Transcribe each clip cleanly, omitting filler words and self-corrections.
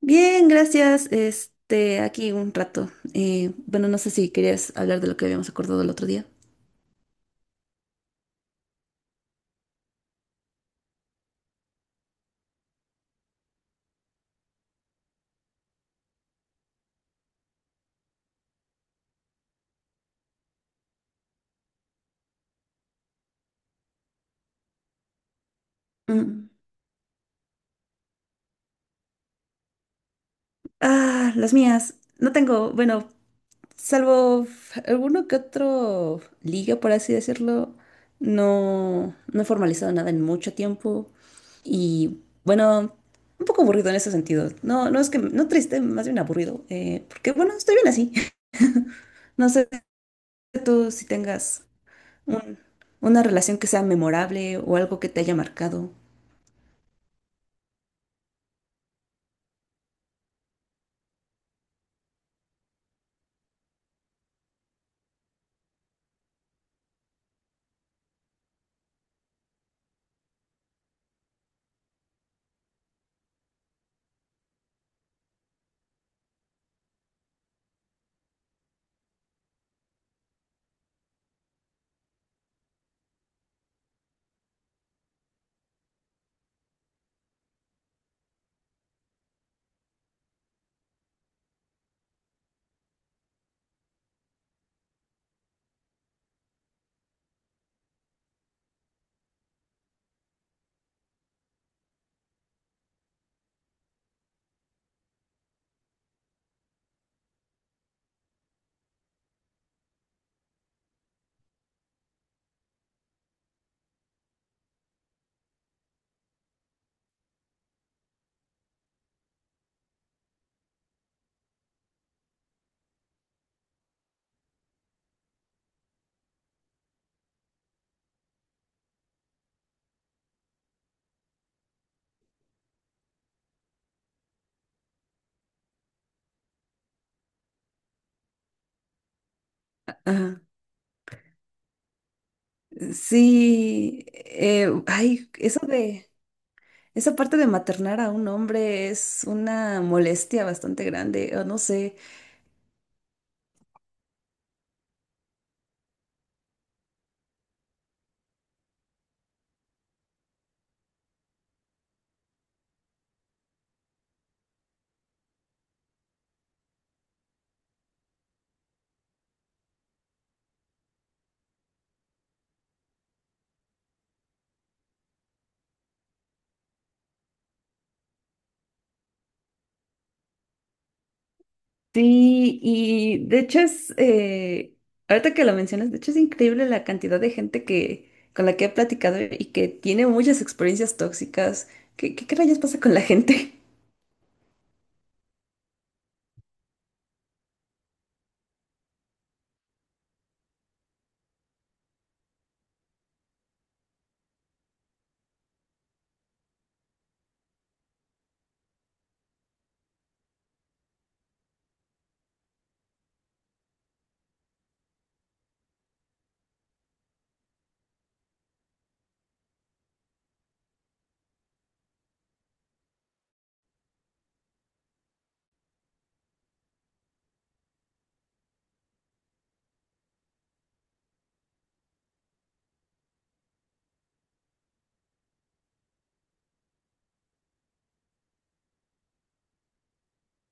Bien, gracias. Aquí un rato. Bueno, no sé si querías hablar de lo que habíamos acordado el otro día. Mm. Ah, las mías. No tengo, bueno, salvo alguno que otro liga, por así decirlo. No, no he formalizado nada en mucho tiempo. Y bueno, un poco aburrido en ese sentido. No, no es que, no triste, más bien aburrido. Porque bueno, estoy bien así. No sé tú si tengas un- una relación que sea memorable o algo que te haya marcado. Ajá. Sí, ay, eso de, esa parte de maternar a un hombre es una molestia bastante grande, o no sé. Sí, y de hecho es, ahorita que lo mencionas, de hecho es increíble la cantidad de gente que, con la que he platicado y que tiene muchas experiencias tóxicas. ¿Qué rayos pasa con la gente?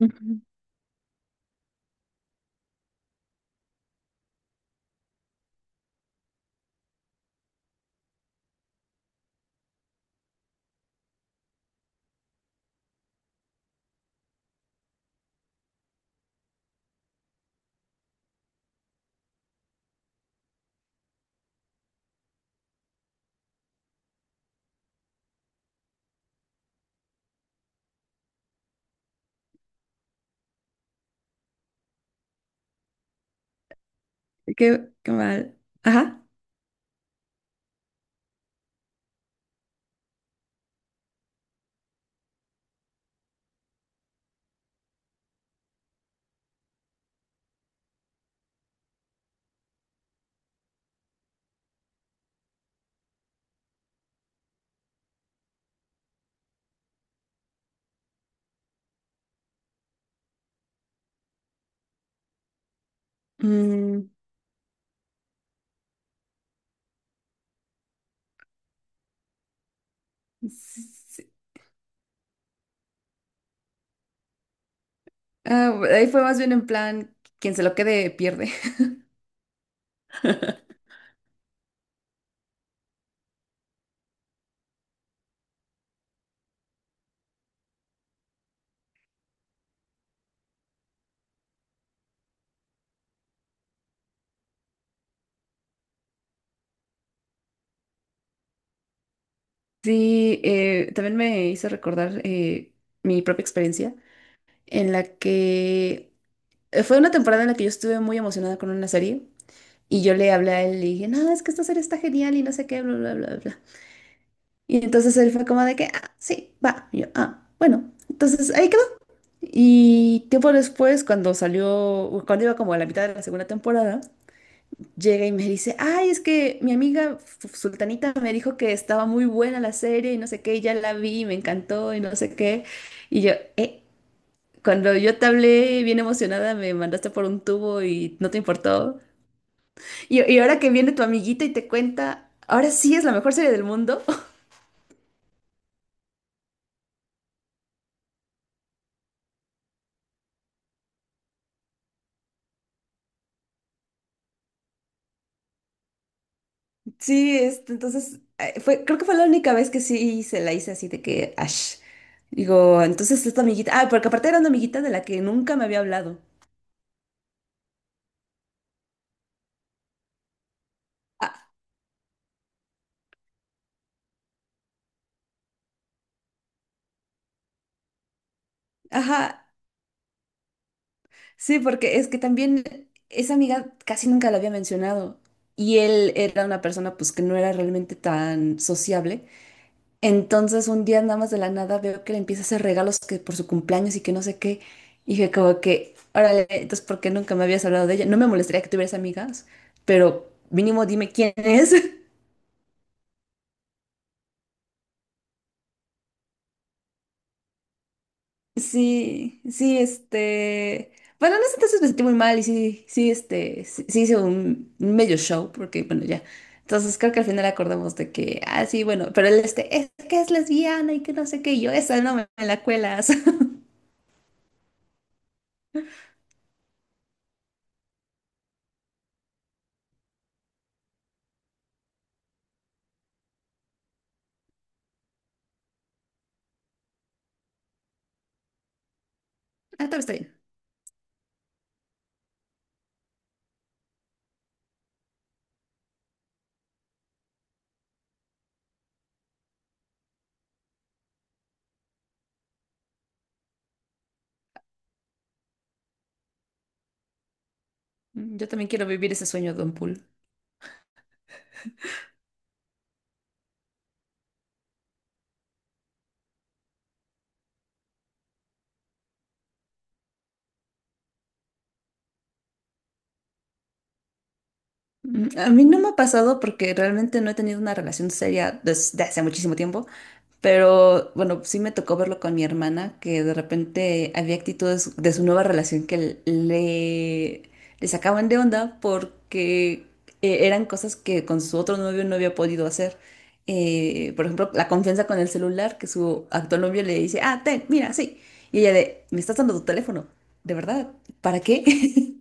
Ujú. Qué, qué mal. Ajá. Mm. Ah, ahí fue más bien en plan, quien se lo quede pierde. Sí, también me hizo recordar mi propia experiencia en la que fue una temporada en la que yo estuve muy emocionada con una serie y yo le hablé a él y le dije, no, es que esta serie está genial y no sé qué, bla, bla, bla, bla. Y entonces él fue como de que, ah, sí, va. Y yo, ah, bueno, entonces ahí quedó. Y tiempo después, cuando salió, cuando iba como a la mitad de la segunda temporada, llega y me dice, ay, es que mi amiga Sultanita me dijo que estaba muy buena la serie y no sé qué, y ya la vi, y me encantó y no sé qué. Y yo, cuando yo te hablé bien emocionada, me mandaste por un tubo y no te importó. Y ahora que viene tu amiguita y te cuenta, ahora sí es la mejor serie del mundo. Sí, este, entonces, fue, creo que fue la única vez que sí se la hice así de que, ash. Digo, entonces esta amiguita, ah, porque aparte era una amiguita de la que nunca me había hablado. Ah, ajá, sí, porque es que también esa amiga casi nunca la había mencionado y él era una persona pues que no era realmente tan sociable. Entonces un día nada más de la nada veo que le empieza a hacer regalos que por su cumpleaños y que no sé qué. Y dije como que, órale, entonces ¿por qué nunca me habías hablado de ella? No me molestaría que tuvieras amigas, pero mínimo dime quién es. Sí, sí, este. Bueno, en ese entonces me sentí muy mal y sí, sí, este, sí, sí hice un medio show, porque bueno, ya. Entonces creo que al final acordamos de que, ah, sí, bueno, pero él, este, es que es lesbiana y que no sé qué, y yo, esa no me, me la cuelas. Ah, también está bien. Yo también quiero vivir ese sueño, Don Pool. Mm, a mí no me ha pasado porque realmente no he tenido una relación seria desde hace muchísimo tiempo, pero bueno, sí me tocó verlo con mi hermana, que de repente había actitudes de su nueva relación que le sacaban de onda porque eran cosas que con su otro novio no había podido hacer. Por ejemplo, la confianza con el celular, que su actual novio le dice, ah, ten, mira, sí. Y ella de, me estás dando tu teléfono, ¿de verdad? ¿Para qué?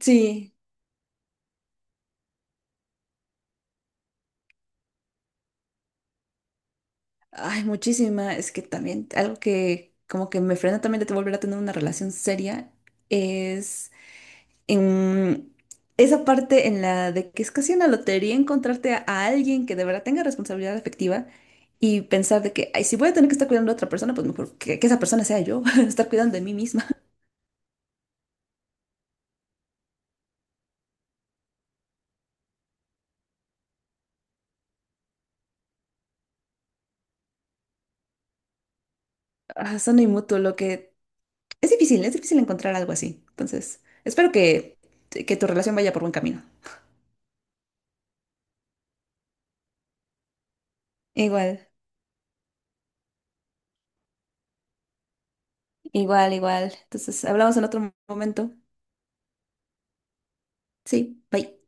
Sí, ay, muchísima. Es que también algo que como que me frena también de volver a tener una relación seria es en esa parte en la de que es casi una lotería encontrarte a alguien que de verdad tenga responsabilidad afectiva y pensar de que, ay, si voy a tener que estar cuidando a otra persona, pues mejor que esa persona sea yo, estar cuidando de mí misma. Ah, son mutuo, lo que es difícil encontrar algo así. Entonces, espero que tu relación vaya por buen camino. Igual, igual, igual. Entonces, hablamos en otro momento. Sí, bye.